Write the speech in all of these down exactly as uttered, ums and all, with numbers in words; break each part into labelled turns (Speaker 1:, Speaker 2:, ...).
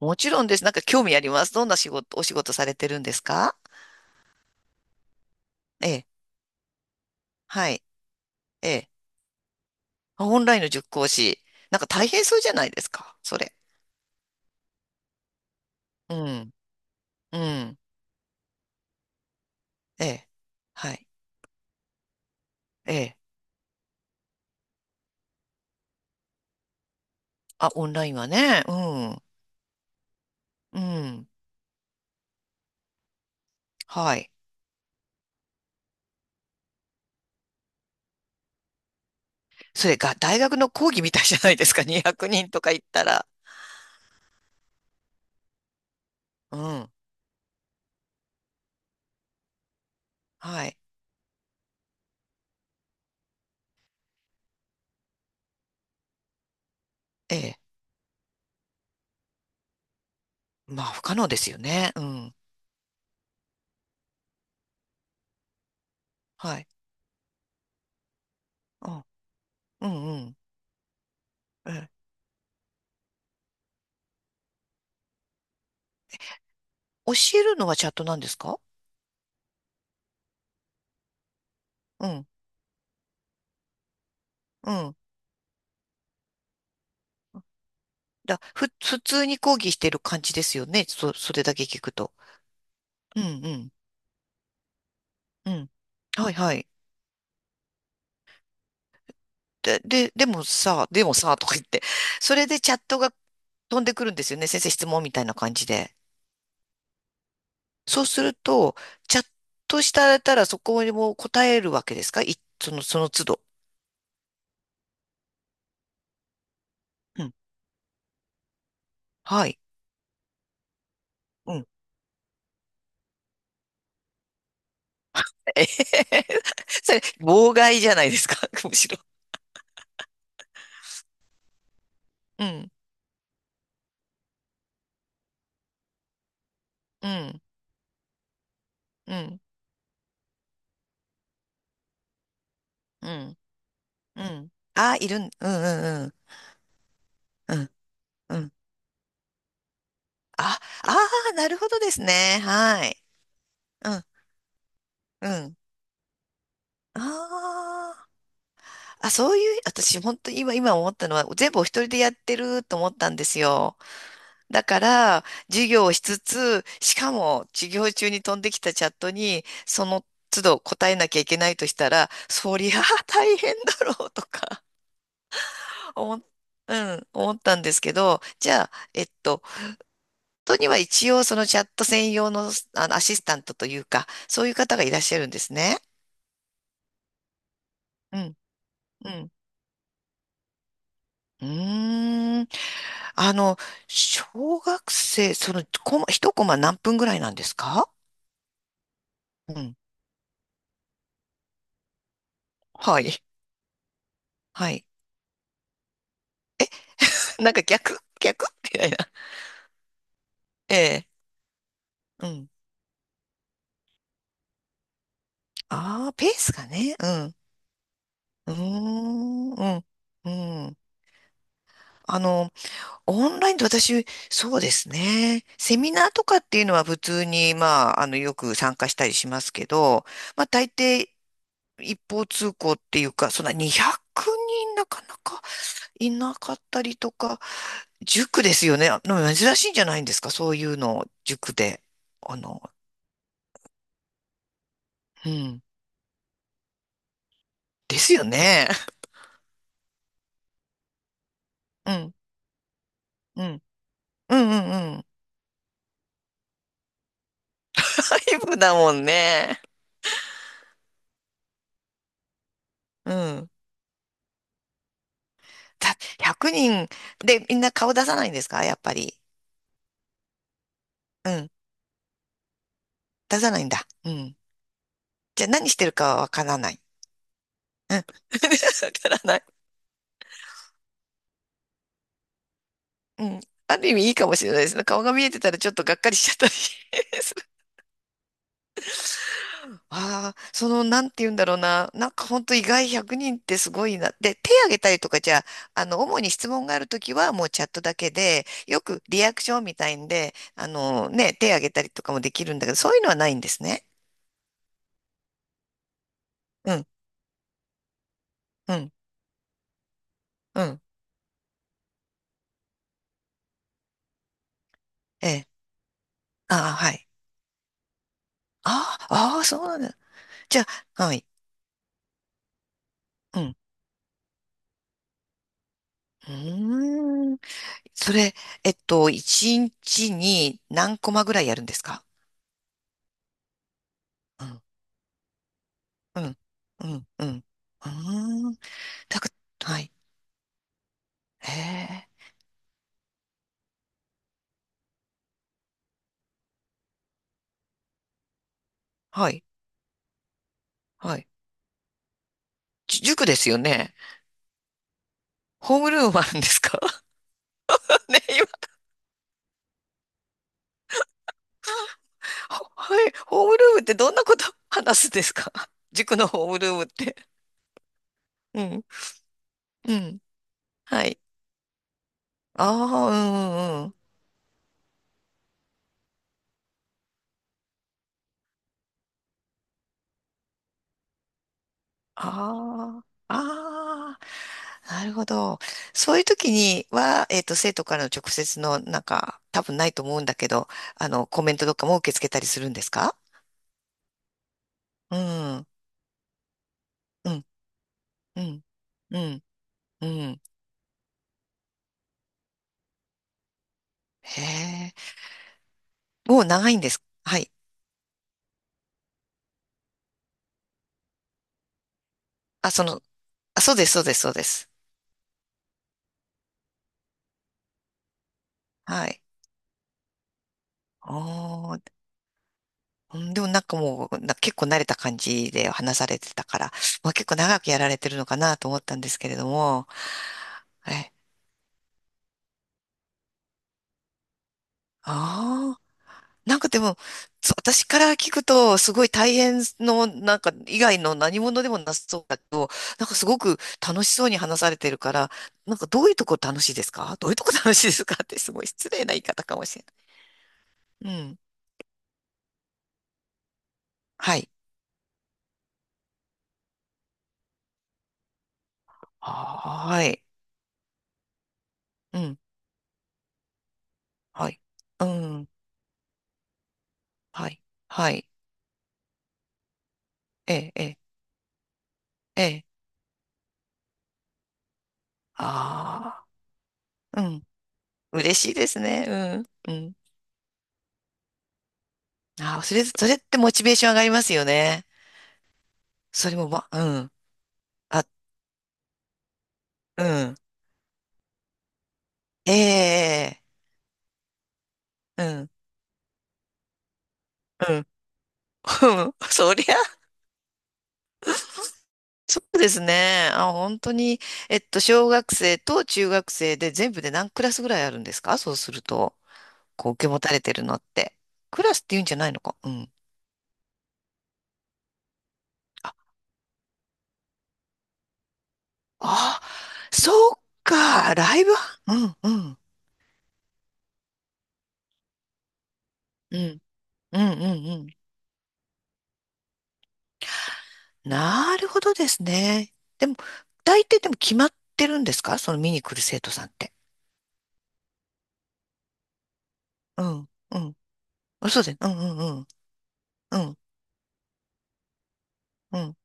Speaker 1: もちろんです。なんか興味あります。どんな仕事、お仕事されてるんですか？ええ。はい。ええ。あ、オンラインの塾講師。なんか大変そうじゃないですか。それ。うん。うん。ええ。はい。ええ。あ、オンラインはね。うん。うん。はい。それが大学の講義みたいじゃないですか。にひゃくにんとか行ったら。うん。はい。ええ。まあ、不可能ですよね。うん。はい。うん。うんうん。ええ。教えるのはチャットなんですか？うん。うん。だ、ふ、普通に講義してる感じですよね。そ、それだけ聞くと。うん、うん、うん。はい、はい。で、で、でもさ、でもさ、とか言って。それでチャットが飛んでくるんですよね。先生質問みたいな感じで。そうすると、チャットしたらそこにも答えるわけですかい？その、その都度。うん。はい。うん。えへへへそれ、妨害じゃないですか？むしろ。うん、うん、うん、うん、うん。あ、いるん、うん、うん、うん、うん、うん。あ、ああ、なるほどですね。はい。うん、うん。ああ、あ、そういう、私、本当に今、今思ったのは、全部お一人でやってると思ったんですよ。だから、授業をしつつ、しかも、授業中に飛んできたチャットに、その都度答えなきゃいけないとしたら、そりゃあ大変だろうとか、思っ、うん、思ったんですけど、じゃあ、えっと、本当には一応、そのチャット専用の、あの、アシスタントというか、そういう方がいらっしゃるんですね。うん、うん。うーん。あの、小学生、その、コマ、一コマ何分ぐらいなんですか？うん。はい。はい。なんか逆、逆みたいな。ええ。うん。ああ、ペースがね。うん。うーん。うん。うん。あの、オンラインで私、そうですね。セミナーとかっていうのは普通に、まあ、あの、よく参加したりしますけど、まあ、大抵一方通行っていうか、そんなにひゃくにんなかなか。いなかったりとか、塾ですよね。あの珍しいんじゃないんですか？そういうの、塾で。あの、うん。ですよね。うん、うん、うん、うん、うん。外部だもんね。うん。た、ひゃくにんでみんな顔出さないんですか、やっぱり？うん。出さないんだ。うん。じゃあ何してるかはわからない。うん。わからない。うん。ある意味いいかもしれないですね。顔が見えてたらちょっとがっかりしちゃったり すああ、その、なんて言うんだろうな。なんか本当意外ひゃくにんってすごいな。で、手挙げたりとかじゃあ、あの、主に質問があるときはもうチャットだけで、よくリアクションみたいんで、あの、ね、手挙げたりとかもできるんだけど、そういうのはないんですね。うん、うん、うん。ええ。ああ、はい。ああ、ああ、そうなんだ。じゃあ、はい。うん。うーん。それ、えっと、いちにちにちに何コマぐらいやるんですか？うん、うん、うん、うん。うーん。たくはい。へえ。はい。はい。じ塾ですよね。ホームルームあるんですか？ ね、今、ほはい。ホームルームってどんなこと話すんですか？ 塾のホームルームって。うん。うん。はい。ああ、うんうんうん。ああ、ああ、なるほど。そういう時には、えっと、生徒からの直接の、なんか、多分ないと思うんだけど、あの、コメントとかも受け付けたりするんですか？うん、うん、うん、うん、うん。へえ。お、長いんです。はい。あ、その、あ、そうです、そうです、そうです。はい。おー、うんでもなんかもう、な結構慣れた感じで話されてたから、まあ、結構長くやられてるのかなと思ったんですけれども、え、ああ、なんかでも、そう私から聞くと、すごい大変の、なんか以外の何者でもなさそうだけど、なんかすごく楽しそうに話されてるから、なんかどういうとこ楽しいですかどういうとこ楽しいですかってすごい失礼な言い方かもしれない。うん。はい。はーい。うん。はい。うん。はい。はい。ええ、ええ、ええ。ああ、うん。嬉しいですね。うん。うん。ああ、それ、それってモチベーション上がりますよね。それも、ま、うん。あ、うん。ええ、うん。うん。そりゃ、そうですね。あ、本当に、えっと、小学生と中学生で全部で何クラスぐらいあるんですか？そうすると、こう、受け持たれてるのって。クラスって言うんじゃないのか。うん。あ、そっか、ライブはうんうん、うん、うん、うん、うん。なるほどですね。でも、大抵でも決まってるんですか、その見に来る生徒さんって？うん、うん。あ、そうです。うん、うん、うん、うん、うん。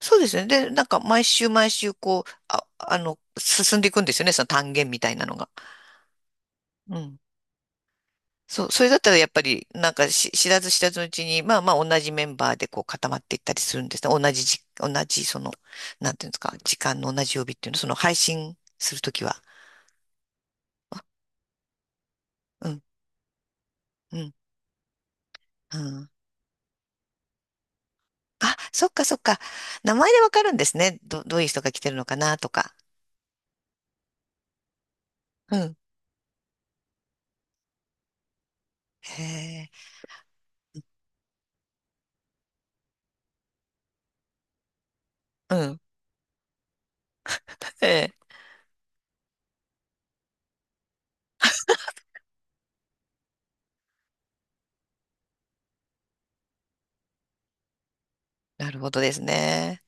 Speaker 1: そうですね。で、なんか毎週毎週こう、あ、あの、進んでいくんですよね。その単元みたいなのが。うん。そう、それだったらやっぱり、なんかし知らず知らずのうちに、まあまあ同じメンバーでこう固まっていったりするんですね。同じじ、同じその、なんていうんですか、時間の同じ曜日っていうの、その配信するときは。うん、うん、うん。あ、そっかそっか。名前でわかるんですね。ど、どういう人が来てるのかなとか。うん。へえ、うん。へえ、なるほどですね。